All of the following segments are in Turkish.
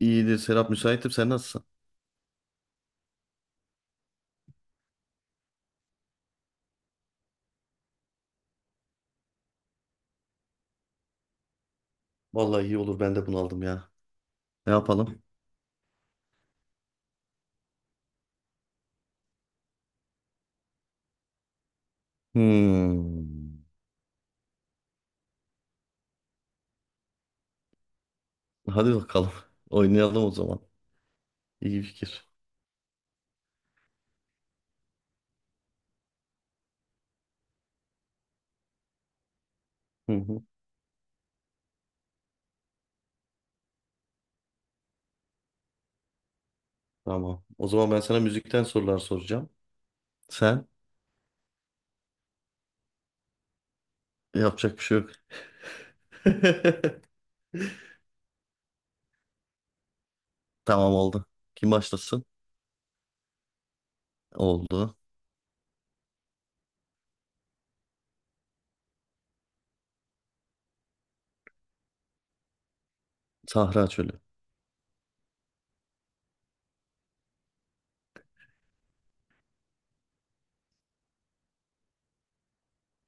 İyidir Serap, müsaitim, sen nasılsın? Vallahi iyi olur, ben de bunaldım ya. Ne yapalım? Hmm. Hadi bakalım. Oynayalım o zaman. İyi fikir. Hı hı. Tamam. O zaman ben sana müzikten sorular soracağım. Sen, yapacak bir şey yok. Tamam oldu. Kim başlasın? Oldu. Sahra Çölü.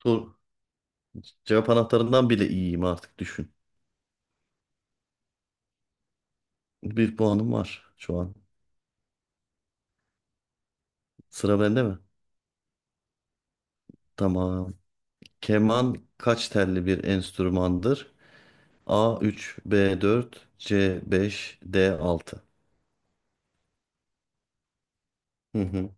Tur. Cevap anahtarından bile iyiyim artık, düşün. Bir puanım var şu an. Sıra bende mi? Tamam. Keman kaç telli bir enstrümandır? A üç, b dört, c beş, d altı. Hı hı.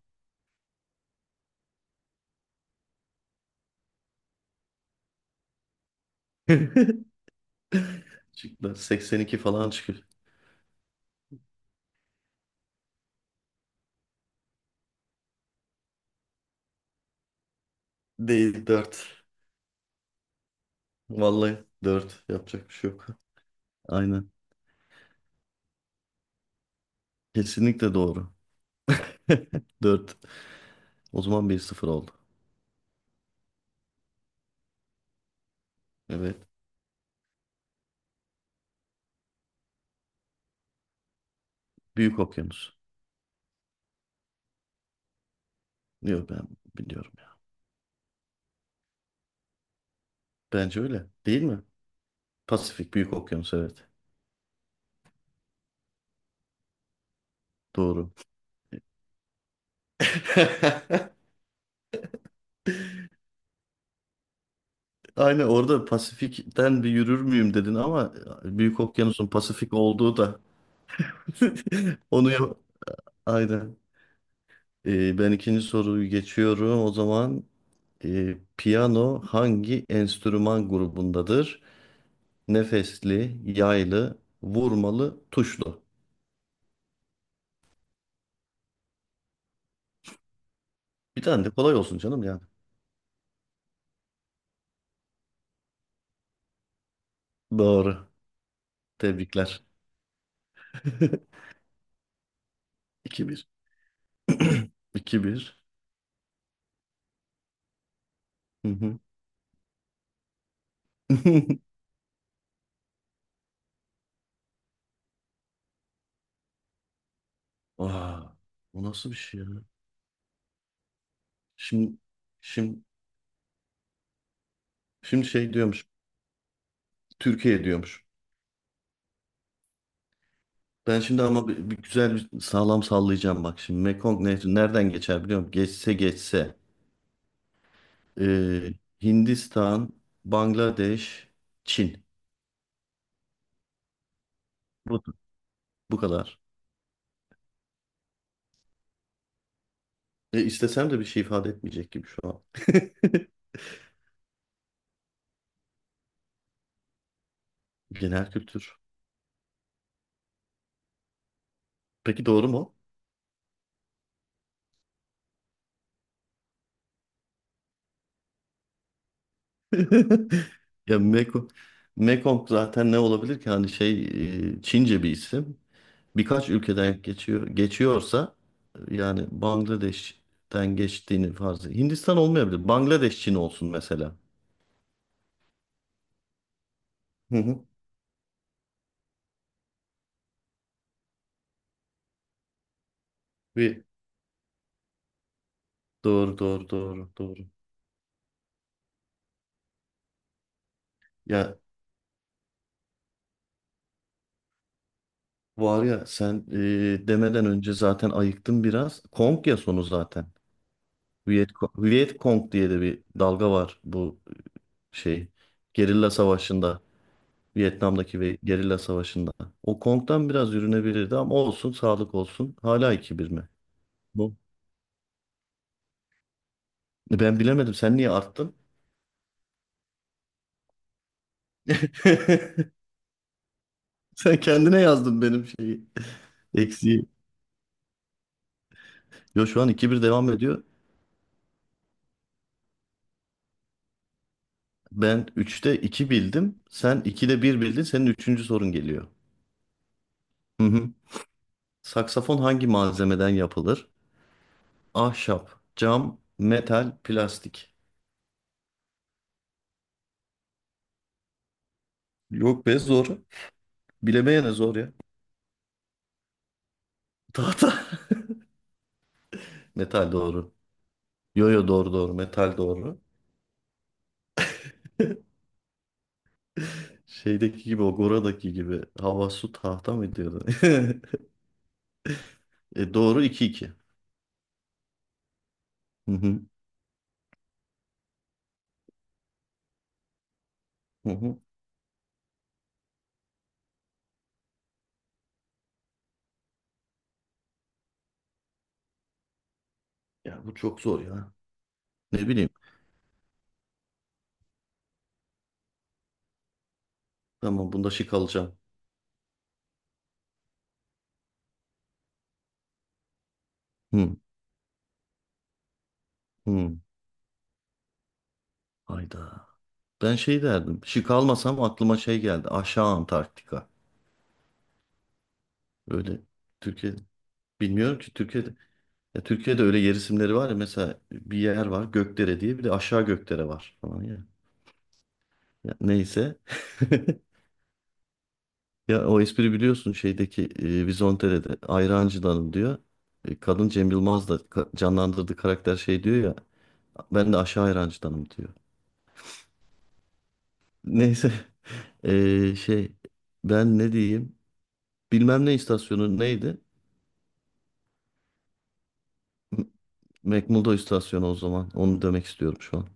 Şıklar 82 falan çıkıyor. Değil, dört. Vallahi 4. Yapacak bir şey yok. Aynen. Kesinlikle doğru. Dört. O zaman bir sıfır oldu. Evet. Büyük okyanus. Diyor, ben biliyorum ya. Bence öyle. Değil mi? Pasifik, Büyük Okyanus, evet. Doğru. Aynen, orada Pasifik'ten bir yürür müyüm dedin ama Büyük Okyanus'un Pasifik olduğu da onu ya- Aynen. Ben ikinci soruyu geçiyorum. O zaman piyano hangi enstrüman grubundadır? Nefesli, yaylı, vurmalı, tuşlu. Bir tane de kolay olsun canım yani. Doğru. Tebrikler. 2 bir. 2 bir. Hı hı. Aa, bu nasıl bir şey ya? Şimdi, şimdi, şimdi şey diyormuş. Türkiye diyormuş. Ben şimdi ama bir güzel bir sağlam sallayacağım bak şimdi. Mekong Nehri nereden geçer biliyor musun? Geçse geçse. Ee, Hindistan, Bangladeş, Çin. Bu, bu kadar. İstesem de bir şey ifade etmeyecek gibi şu an. Genel kültür. Peki doğru mu? Ya Mekong zaten ne olabilir ki? Hani şey, Çince bir isim. Birkaç ülkeden geçiyorsa yani Bangladeş'ten geçtiğini farz et. Hindistan olmayabilir. Bangladeş, Çin olsun mesela. Hı hı. Bir, doğru doğru doğru doğru. Ya var ya, sen demeden önce zaten ayıktın biraz. Kong ya sonu zaten. Viet, Viet Cong diye de bir dalga var, bu şey. Gerilla savaşında. Vietnam'daki ve gerilla savaşında. O Kong'dan biraz yürünebilirdi ama olsun, sağlık olsun. Hala iki bir mi? Ben bilemedim. Sen niye arttın? Sen kendine yazdın benim şeyi. Eksiği. Yo, şu an iki bir devam ediyor. Ben üçte 2 bildim. Sen 2'de bir bildin. Senin üçüncü sorun geliyor. Hı hı. Saksafon hangi malzemeden yapılır? Ahşap, cam, metal, plastik. Yok be, zor. Bilemeyene zor ya. Tahta. Metal doğru. Yo yo, doğru doğru. Metal doğru. Şeydeki gibi, o Gora'daki gibi. Hava su tahta mı diyordu? Doğru iki iki. Hı hı. Hı hı. Ya bu çok zor ya. Ne bileyim. Tamam, bunda şık alacağım. Hı, hı. Hayda. Ben şey derdim. Şık almasam aklıma şey geldi. Aşağı Antarktika. Öyle Türkiye, bilmiyorum ki Türkiye'de öyle yer isimleri var ya, mesela bir yer var Gökdere diye, bir de aşağı Gökdere var falan ya. Ya neyse. Ya o espri biliyorsun, şeydeki Vizontere'de Ayrancı'danım diyor. Kadın Cem Yılmaz da canlandırdığı karakter şey diyor ya, ben de aşağı Ayrancı'danım diyor. Neyse. Şey, ben ne diyeyim? Bilmem ne istasyonu neydi? M- McMurdo istasyonu o zaman. Onu demek istiyorum şu an.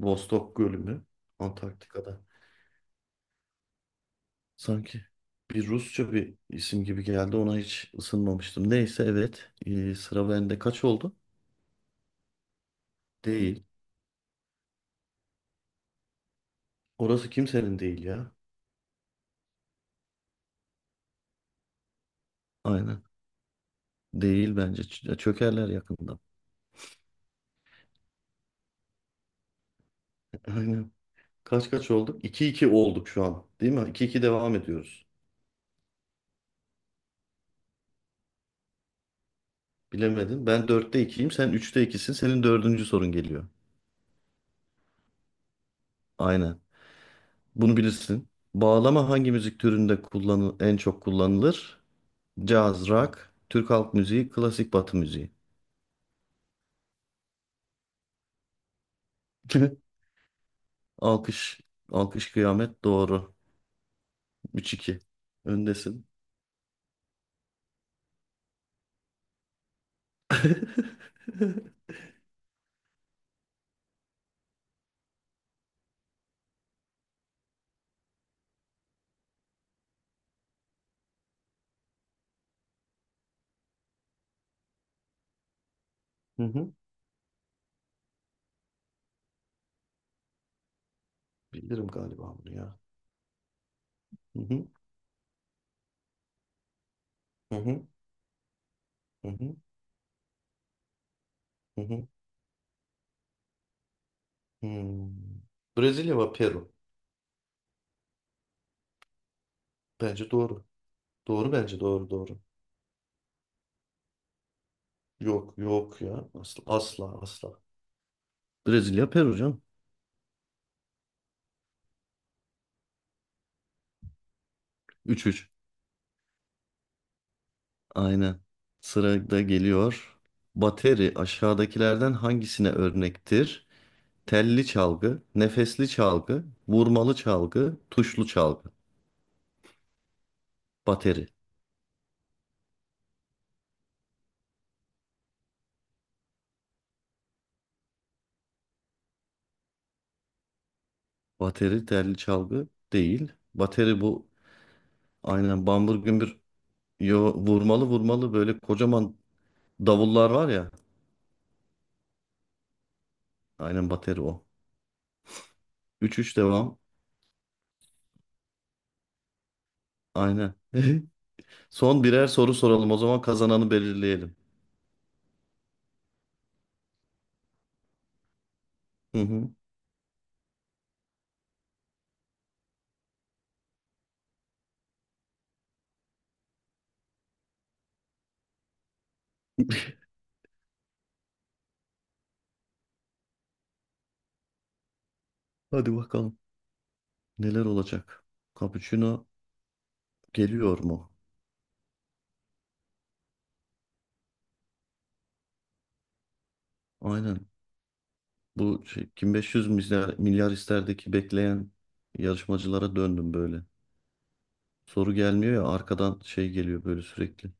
Vostok Gölü mü? Antarktika'da. Sanki bir Rusça bir isim gibi geldi. Ona hiç ısınmamıştım. Neyse, evet. Sıra bende. Kaç oldu? Değil. Orası kimsenin değil ya. Aynen. Değil bence. Çökerler yakında. Aynen. Kaç kaç olduk? 2 iki olduk şu an. Değil mi? 2 iki devam ediyoruz. Bilemedin. Ben dörtte ikiyim, sen üçte ikisin. Senin dördüncü sorun geliyor. Aynen. Bunu bilirsin. Bağlama hangi müzik türünde en çok kullanılır? Caz, rock, Türk halk müziği, klasik batı müziği. Alkış, alkış kıyamet, doğru. Üç iki. Öndesin. Hı hı. Bilirim galiba bunu ya. Hı hı. Hı hı. Hı hı. Hı hı. Hmm. Brezilya ve Peru. Bence doğru. Doğru, bence doğru doğru. Yok yok ya. Asla asla asla. Brezilya, Peru canım. 3-3. Aynen. Sırada geliyor. Bateri aşağıdakilerden hangisine örnektir? Telli çalgı, nefesli çalgı, vurmalı çalgı, tuşlu çalgı. Bateri. Bateri telli çalgı değil. Bateri bu, aynen, bambur gümbür, yo, vurmalı vurmalı, böyle kocaman davullar var ya. Aynen, bateri o. 3-3 devam. Aynen. Son birer soru soralım o zaman, kazananı belirleyelim. Hı hı. Hadi bakalım. Neler olacak? Cappuccino geliyor mu? Aynen. Bu şey, kim 500 milyar isterdeki bekleyen yarışmacılara döndüm böyle. Soru gelmiyor ya, arkadan şey geliyor böyle sürekli.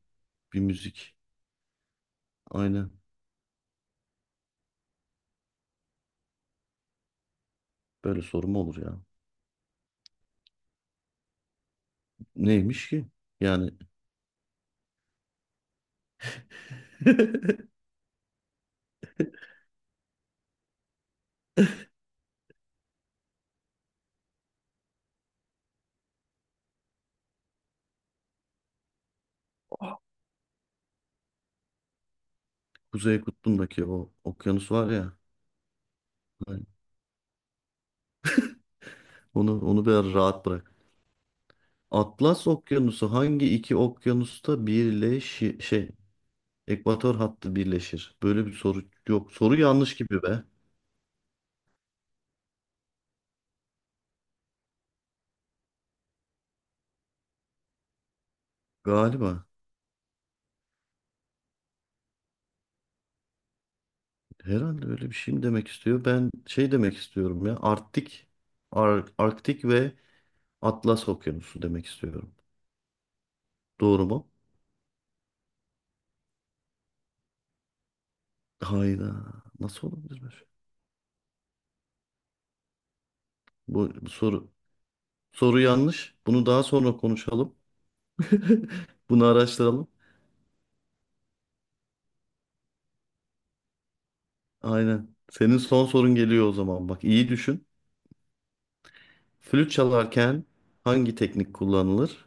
Bir müzik. Aynen. Böyle soru mu olur ya? Neymiş ki? Yani. Kuzey Kutbu'ndaki o okyanus var ya. Hani, onu biraz rahat bırak. Atlas Okyanusu hangi iki okyanusta birleşi şey Ekvator hattı birleşir. Böyle bir soru yok. Soru yanlış gibi be. Galiba. Herhalde öyle bir şey mi demek istiyor? Ben şey demek istiyorum ya. Arktik, Arktik ve Atlas Okyanusu demek istiyorum. Doğru mu? Hayda. Nasıl olabilir böyle? Şey? Bu soru yanlış. Bunu daha sonra konuşalım. Bunu araştıralım. Aynen. Senin son sorun geliyor o zaman. Bak iyi düşün. Flüt çalarken hangi teknik kullanılır?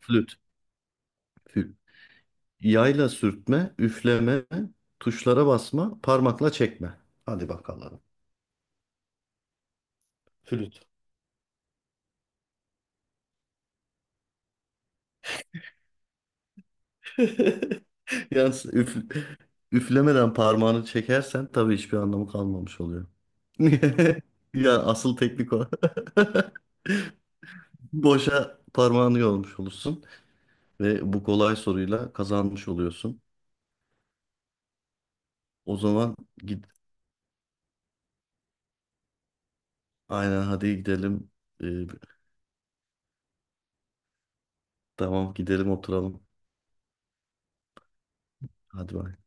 Flüt. Flüt. Yayla sürtme, üfleme, tuşlara basma, parmakla çekme. Hadi bakalım. Flüt. Yalnız üflemeden parmağını çekersen tabii hiçbir anlamı kalmamış oluyor. Ya asıl teknik o. Boşa parmağını yormuş olursun ve bu kolay soruyla kazanmış oluyorsun. O zaman git. Aynen, hadi gidelim. Ee, tamam, gidelim oturalım. Hadi bay. Tamam.